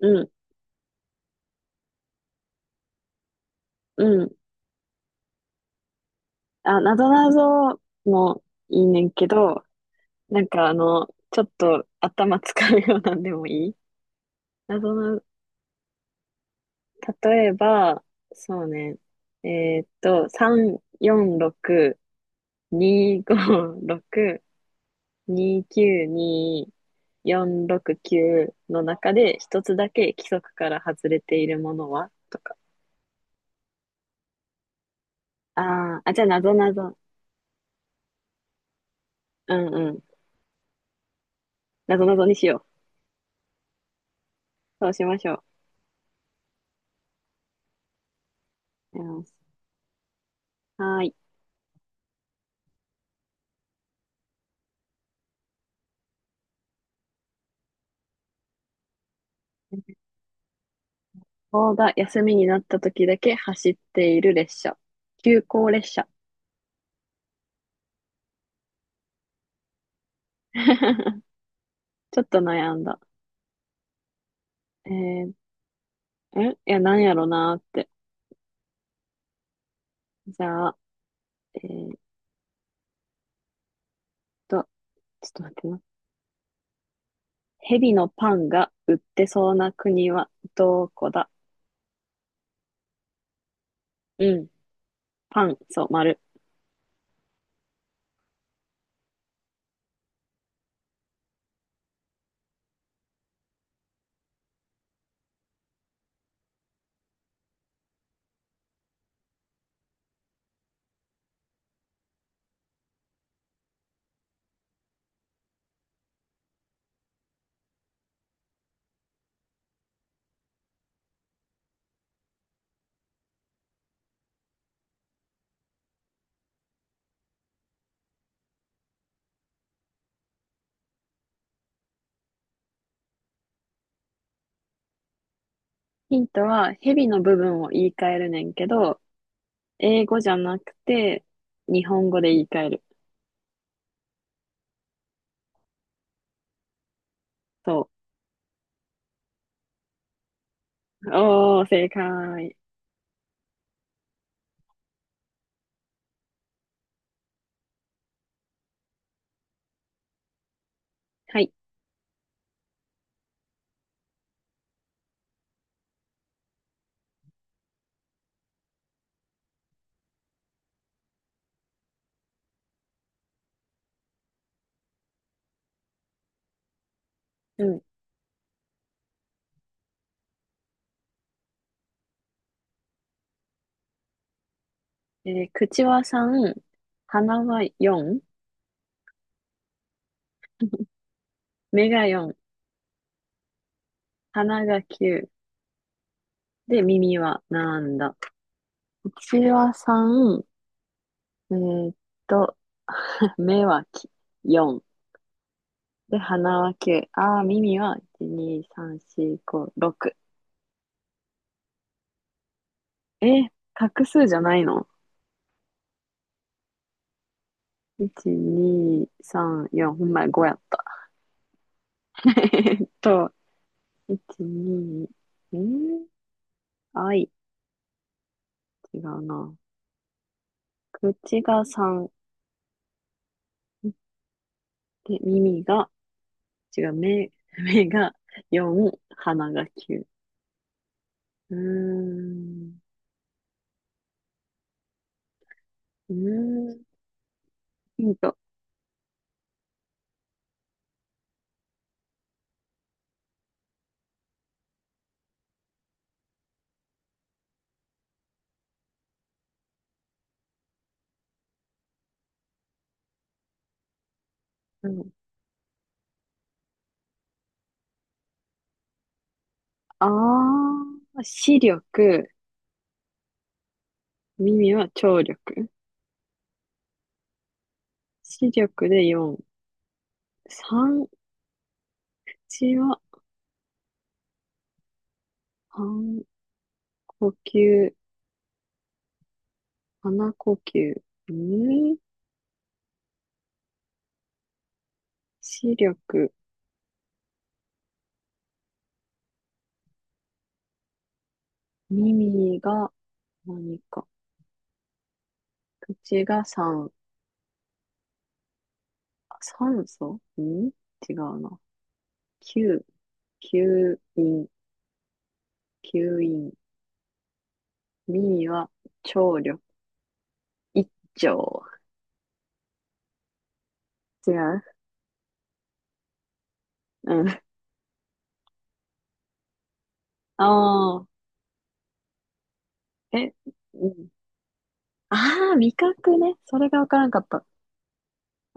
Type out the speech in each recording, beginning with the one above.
うん、うん。あ、なぞなぞもいいねんけど、なんかちょっと頭使うようなんでもいいなぞな、例えば、そうね、3、4、6、2、5、6、2、9、2、4、6、9の中で一つだけ規則から外れているものはとか。あーあ、じゃあなぞなぞ。うんうん。なぞなぞにしよう。そうしましょう。うん、はーい。そうだ、休みになった時だけ走っている列車。急行列車。ちょっと悩んだ。えー、んいや、なんやろなーって。じゃあ、えーっと、ちょっと待ってな。蛇のパンが売ってそうな国はどこだ？うん。パン、そう、丸。ヒントは、蛇の部分を言い換えるねんけど、英語じゃなくて、日本語で言い換える。そう。おー、正解。はい。うん。口は3、鼻は4、目が4、鼻が9、で、耳はなんだ。口は3、えーっと、目は4、で、鼻は9、あー、耳は1、2、3、4、5、6。えー、画数じゃないの？ 1、2、3、4、ほんまや、5やった。えーっと、1、2、えー、あい、違うな。口が3、で、耳が、違う、目、目が4、鼻が9。うーん。うーん、ヒント。うん、ああ、視力、耳は聴力。視力で4。3、口は半呼吸、鼻呼吸。うん、視力、耳が何か。口が酸、酸素、うん、違うな。吸、吸引、吸引。耳は聴力、一聴。違う。うん。ああ、え、うん、ああ、味覚ね。それがわからんかった。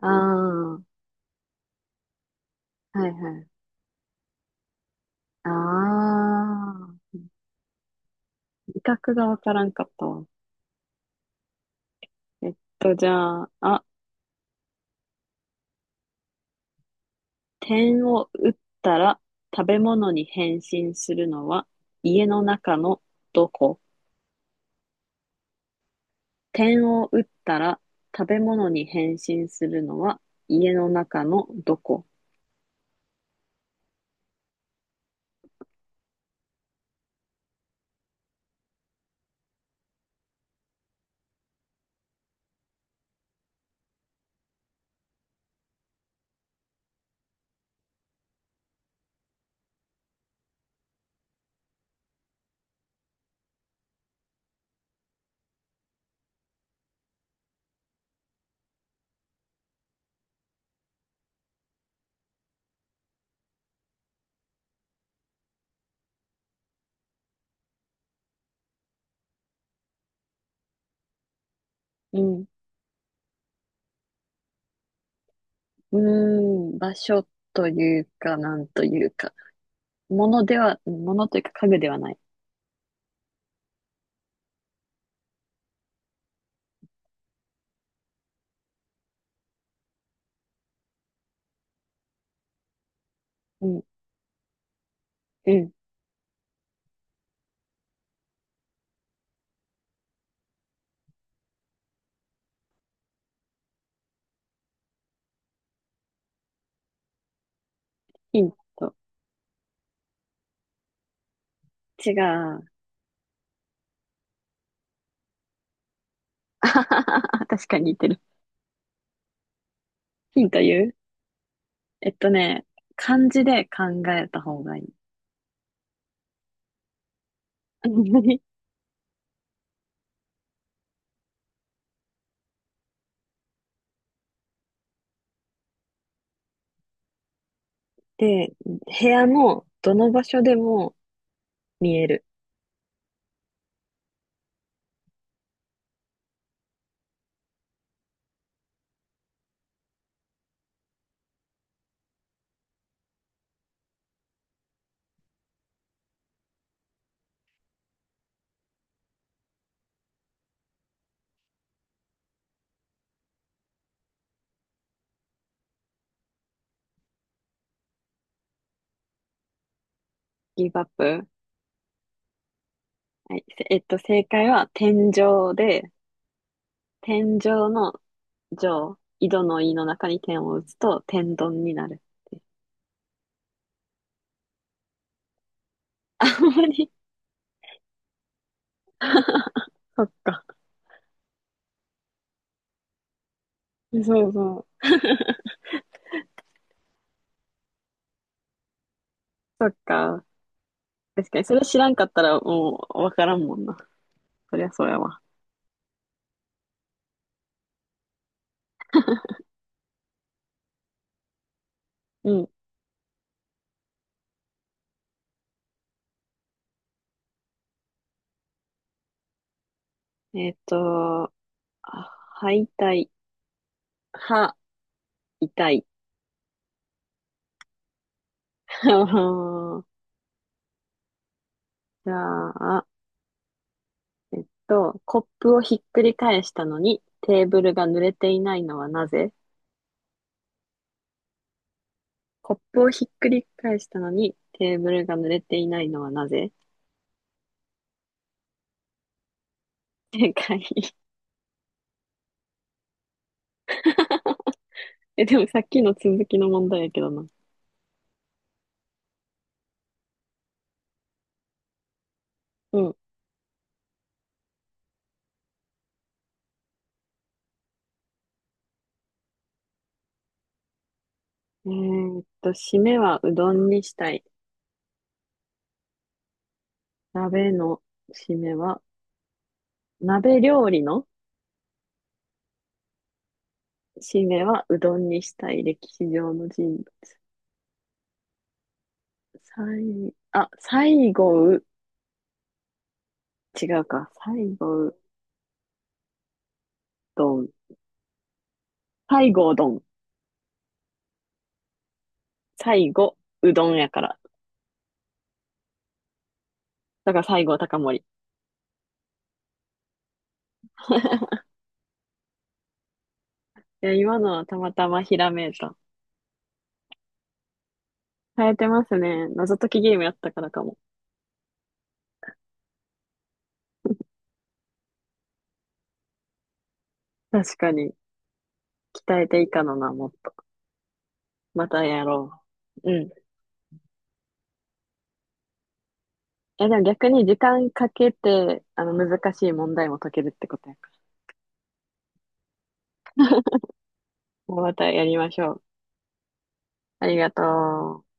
ああ、はいはい。ああ、味覚がわからんかったわ。じゃあ、あ、点を打ったら食べ物に変身するのは家の中のどこ？点を打ったら食べ物に変身するのは家の中のどこ？うん。うーん、場所というか、なんというか。物では、物というか家具ではない。うん。うん、ヒント。違う。確かに似てる。ヒント言う。ね、漢字で考えた方がいい。で、部屋のどの場所でも見える。ギブアップ。はい。せえっと、正解は天井で、天井の上、井戸の井の中に点を打つと天丼になるっていう。ほんまに。そっか。そうそう。そっか。確かに、それ知らんかったらもうわからんもんな。そりゃそうやわ。うん。えっと、あ、歯痛い歯、痛い。じゃあ、コップをひっくり返したのにテーブルが濡れていないのはなぜ？コップをひっくり返したのにテーブルが濡れていないのはなぜ？正解。え、でもさっきの続きの問題やけどな。うん。締めはうどんにしたい。鍋の締めは、鍋料理の締めはうどんにしたい。歴史上の人物。あ、最後う、違うか。最後うどん。最後うどん。最後うどんやから。だから最後高森。いや、今のはたまたまひらめいた。変えてますね。謎解きゲームやったからかも。確かに。鍛えていかのな、もっと。またやろう。うん。いや、でも逆に時間かけて、難しい問題も解けるってことやから。もうまたやりましょう。ありがとう。